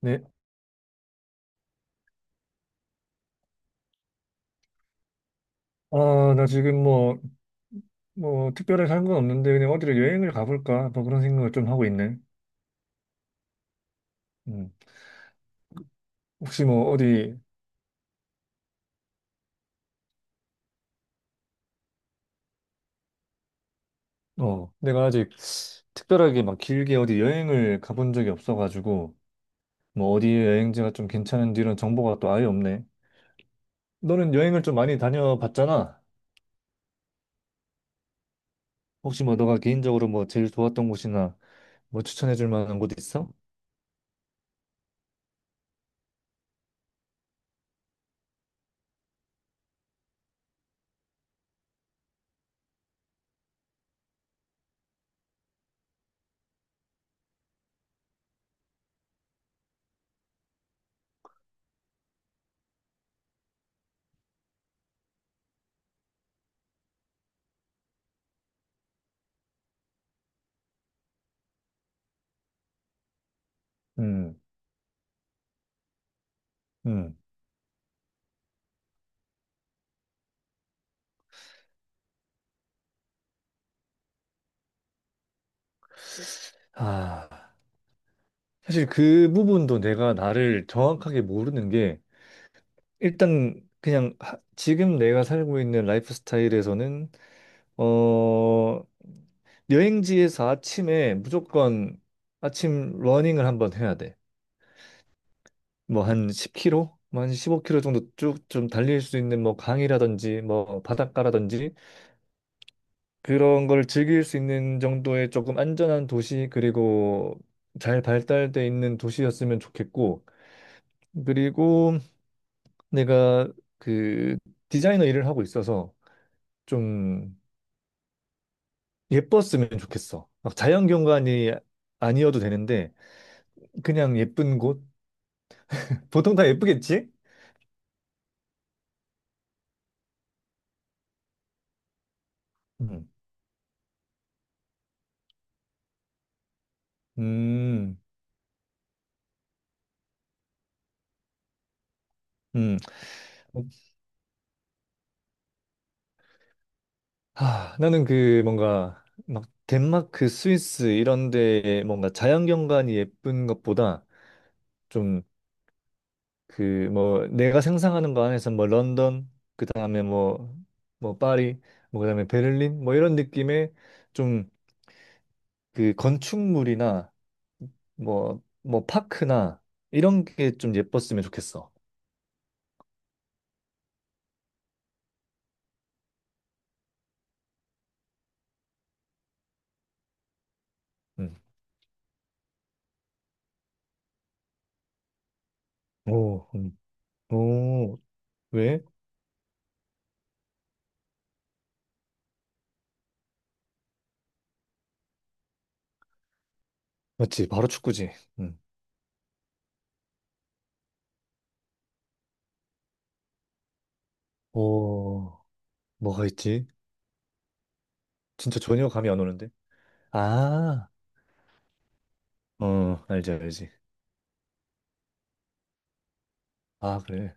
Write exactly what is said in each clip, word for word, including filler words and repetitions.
네. 아, 나 지금 뭐, 뭐, 특별하게 한 건 없는데, 그냥 어디를 여행을 가볼까? 뭐 그런 생각을 좀 하고 있네. 음. 혹시 뭐, 어디, 어, 내가 아직 특별하게 막 길게 어디 여행을 가본 적이 없어가지고, 뭐, 어디 여행지가 좀 괜찮은지 이런 정보가 또 아예 없네. 너는 여행을 좀 많이 다녀봤잖아. 혹시 뭐, 너가 개인적으로 뭐, 제일 좋았던 곳이나 뭐, 추천해줄 만한 곳 있어? 음, 음. 아, 사실 그 부분도 내가 나를 정확하게 모르는 게, 일단 그냥 하- 지금 내가 살고 있는 라이프 스타일에서는 어 여행지에서 아침에 무조건 아침 러닝을 한번 해야 돼. 뭐 한 십 킬로미터, 뭐한 십오 킬로미터 정도 쭉 좀 달릴 수 있는 뭐 강이라든지 뭐 바닷가라든지 그런 걸 즐길 수 있는 정도의 조금 안전한 도시 그리고 잘 발달돼 있는 도시였으면 좋겠고 그리고 내가 그 디자이너 일을 하고 있어서 좀 예뻤으면 좋겠어. 막 자연경관이 아니어도 되는데 그냥 예쁜 곳? 보통 다 예쁘겠지? 음, 음, 음. 하, 나는 그 뭔가 막 덴마크, 스위스 이런 데 뭔가 자연경관이 예쁜 것보다 좀 그 뭐 내가 상상하는 거 안에서 뭐 런던, 그 다음에 뭐 뭐 파리, 뭐 그다음에 베를린 뭐 이런 느낌의 좀 그 건축물이나 뭐, 뭐, 파크나 이런 게 좀 예뻤으면 좋겠어. 음. 오, 음. 오, 왜? 맞지, 바로 축구지. 음. 오, 뭐가 있지? 진짜 전혀 감이 안 오는데? 아, 어, 알지, 알지. 아, 그래.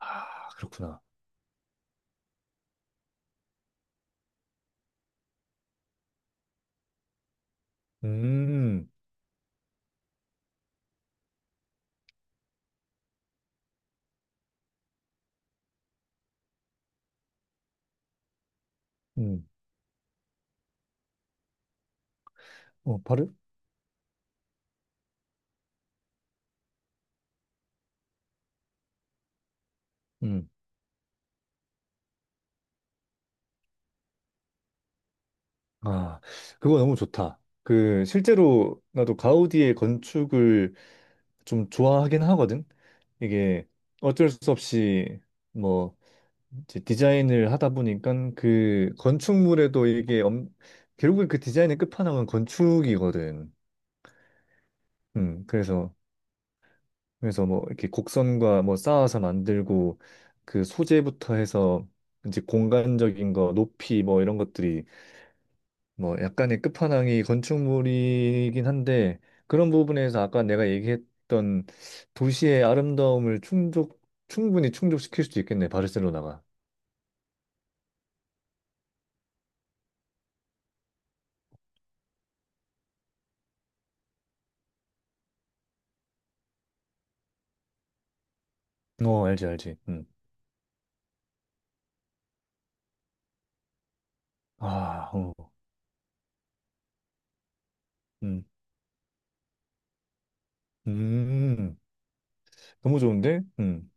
아, 그렇구나. 음, 음, 어, 바로? 음. 아, 그거 너무 좋다. 그, 실제로 나도 가우디의 건축을 좀 좋아하긴 하거든. 이게 어쩔 수 없이 뭐 이제 디자인을 하다 보니까 그 건축물에도 이게 엄, 결국에 그 디자인의 끝판왕은 건축이거든. 음, 그래서 그래서 뭐 이렇게 곡선과 뭐 쌓아서 만들고 그 소재부터 해서 이제 공간적인 거, 높이 뭐 이런 것들이 뭐 약간의 끝판왕이 건축물이긴 한데 그런 부분에서 아까 내가 얘기했던 도시의 아름다움을 충족 충분히 충족시킬 수도 있겠네 바르셀로나가. 어 알지 알지. 음. 아, 어, 음, 음, 너무 좋은데? 음,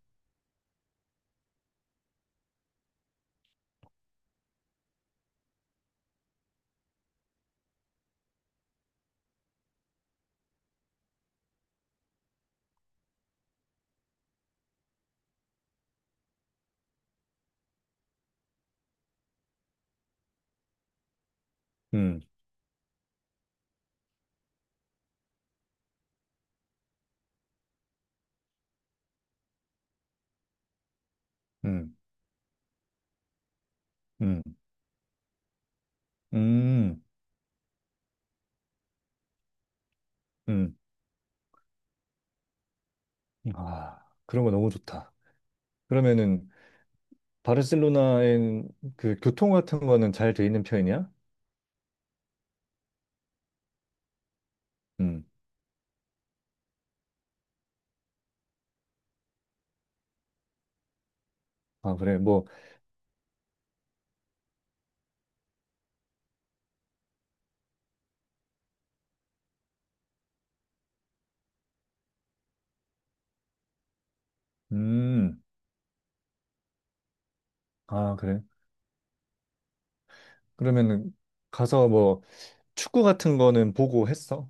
음, 음, 음, 음, 음. 아 그런 거 너무 좋다. 그러면은 바르셀로나엔 그 교통 같은 거는 잘 돼 있는 편이야? 음. 아 그래 뭐. 음. 아, 그래. 그러면은 가서 뭐 축구 같은 거는 보고 했어?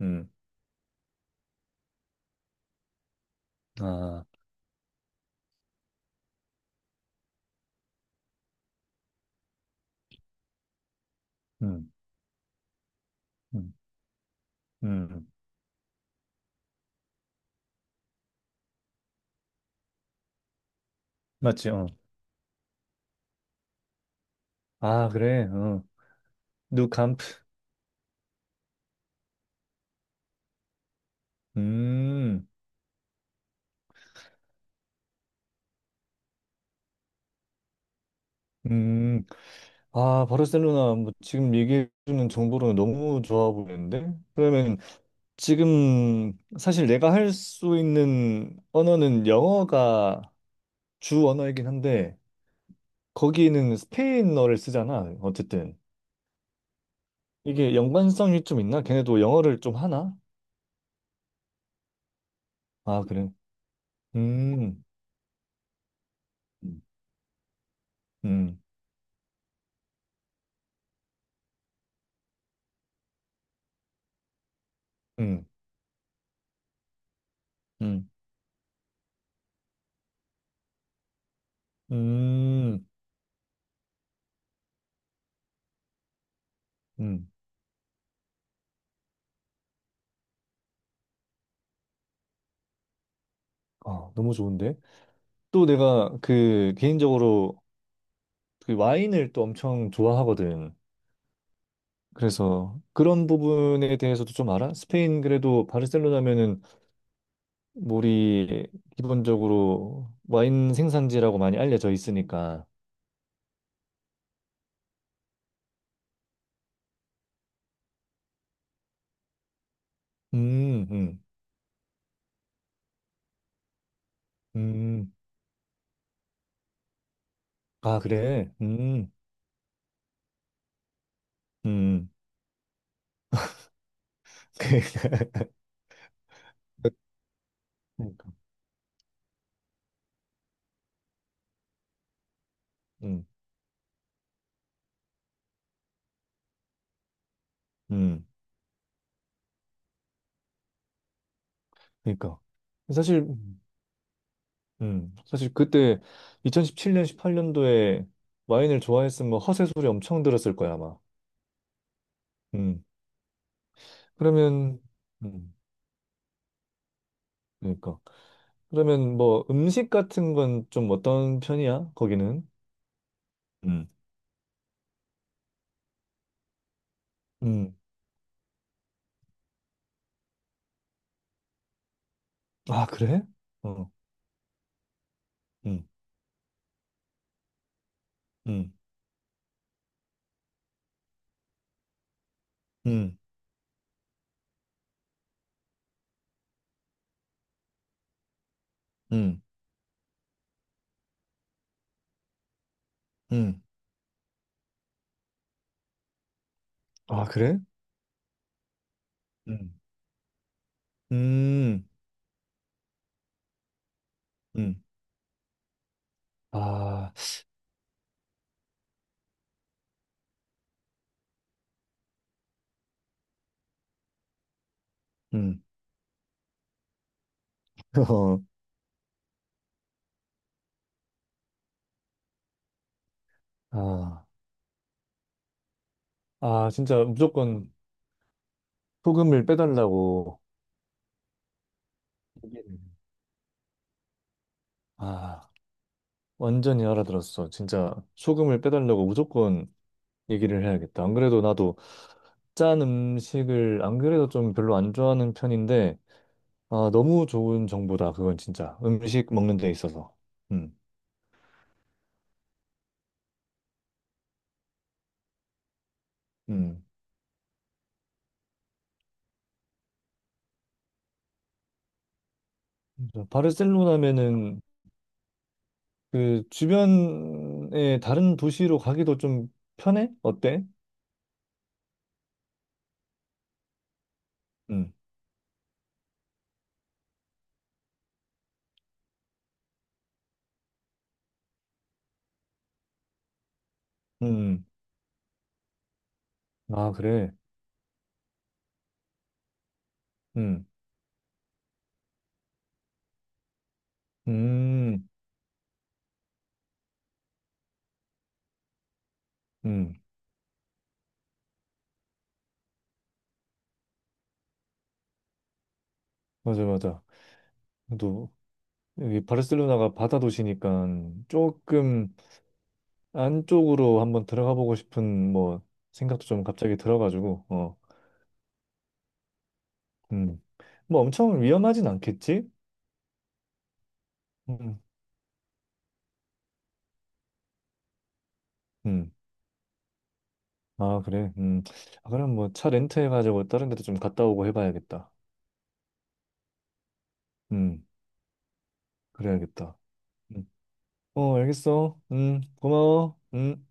음. 아, 음, 음, 음. 맞지, 어. 아, 그래, 어. 누캄프. 음, 음. 아, 바르셀로나, 뭐, 지금 얘기해주는 정보로는 너무 좋아 보이는데? 그러면 지금 사실 내가 할 수 있는 언어는 영어가 주 언어이긴 한데, 거기는 스페인어를 쓰잖아, 어쨌든. 이게 연관성이 좀 있나? 걔네도 영어를 좀 하나? 아, 그래. 음, 음. 음, 음, 음. 음, 음. 아, 너무 좋은데? 또 내가 그 개인적으로 그 와인을 또 엄청 좋아하거든. 그래서 그런 부분에 대해서도 좀 알아? 스페인 그래도 바르셀로나면은 우리 기본적으로 와인 생산지라고 많이 알려져 있으니까. 음, 음, 음. 아, 그래? 음, 음. 그러니까. 음, 음. 그러니까. 사실 음, 사실 그때 이천십칠 년, 십팔 년도에 와인을 좋아했으면 뭐 허세 소리 엄청 들었을 거야, 아마. 음, 그러면, 음, 그러니까. 그러면 뭐 음식 같은 건 좀 어떤 편이야, 거기는? 음, 음. 아, 그래? 어, 음, 음, 음, 음, 음. 아, 그래? 음, 음, 음. 아, 음. 어, 아, 아, 진짜 무조건 소금을 빼달라고. 아. 완전히 알아들었어. 진짜 소금을 빼달라고 무조건 얘기를 해야겠다. 안 그래도 나도 짠 음식을 안 그래도 좀 별로 안 좋아하는 편인데 아 너무 좋은 정보다. 그건 진짜 음식 먹는 데 있어서. 음, 음. 그래서 바르셀로나면은 그 주변에 다른 도시로 가기도 좀 편해? 어때? 음, 음. 음. 아 그래. 음, 음, 음. 맞아 맞아. 또 여기 바르셀로나가 바다 도시니까 조금 안쪽으로 한번 들어가 보고 싶은 뭐 생각도 좀 갑자기 들어가지고 어. 음. 뭐 엄청 위험하진 않겠지? 음. 음. 아, 그래. 음. 아, 그럼 뭐 차 렌트해 가지고 다른 데도 좀 갔다 오고 해 봐야겠다. 음. 그래야겠다. 음. 어, 알겠어. 음. 고마워. 음.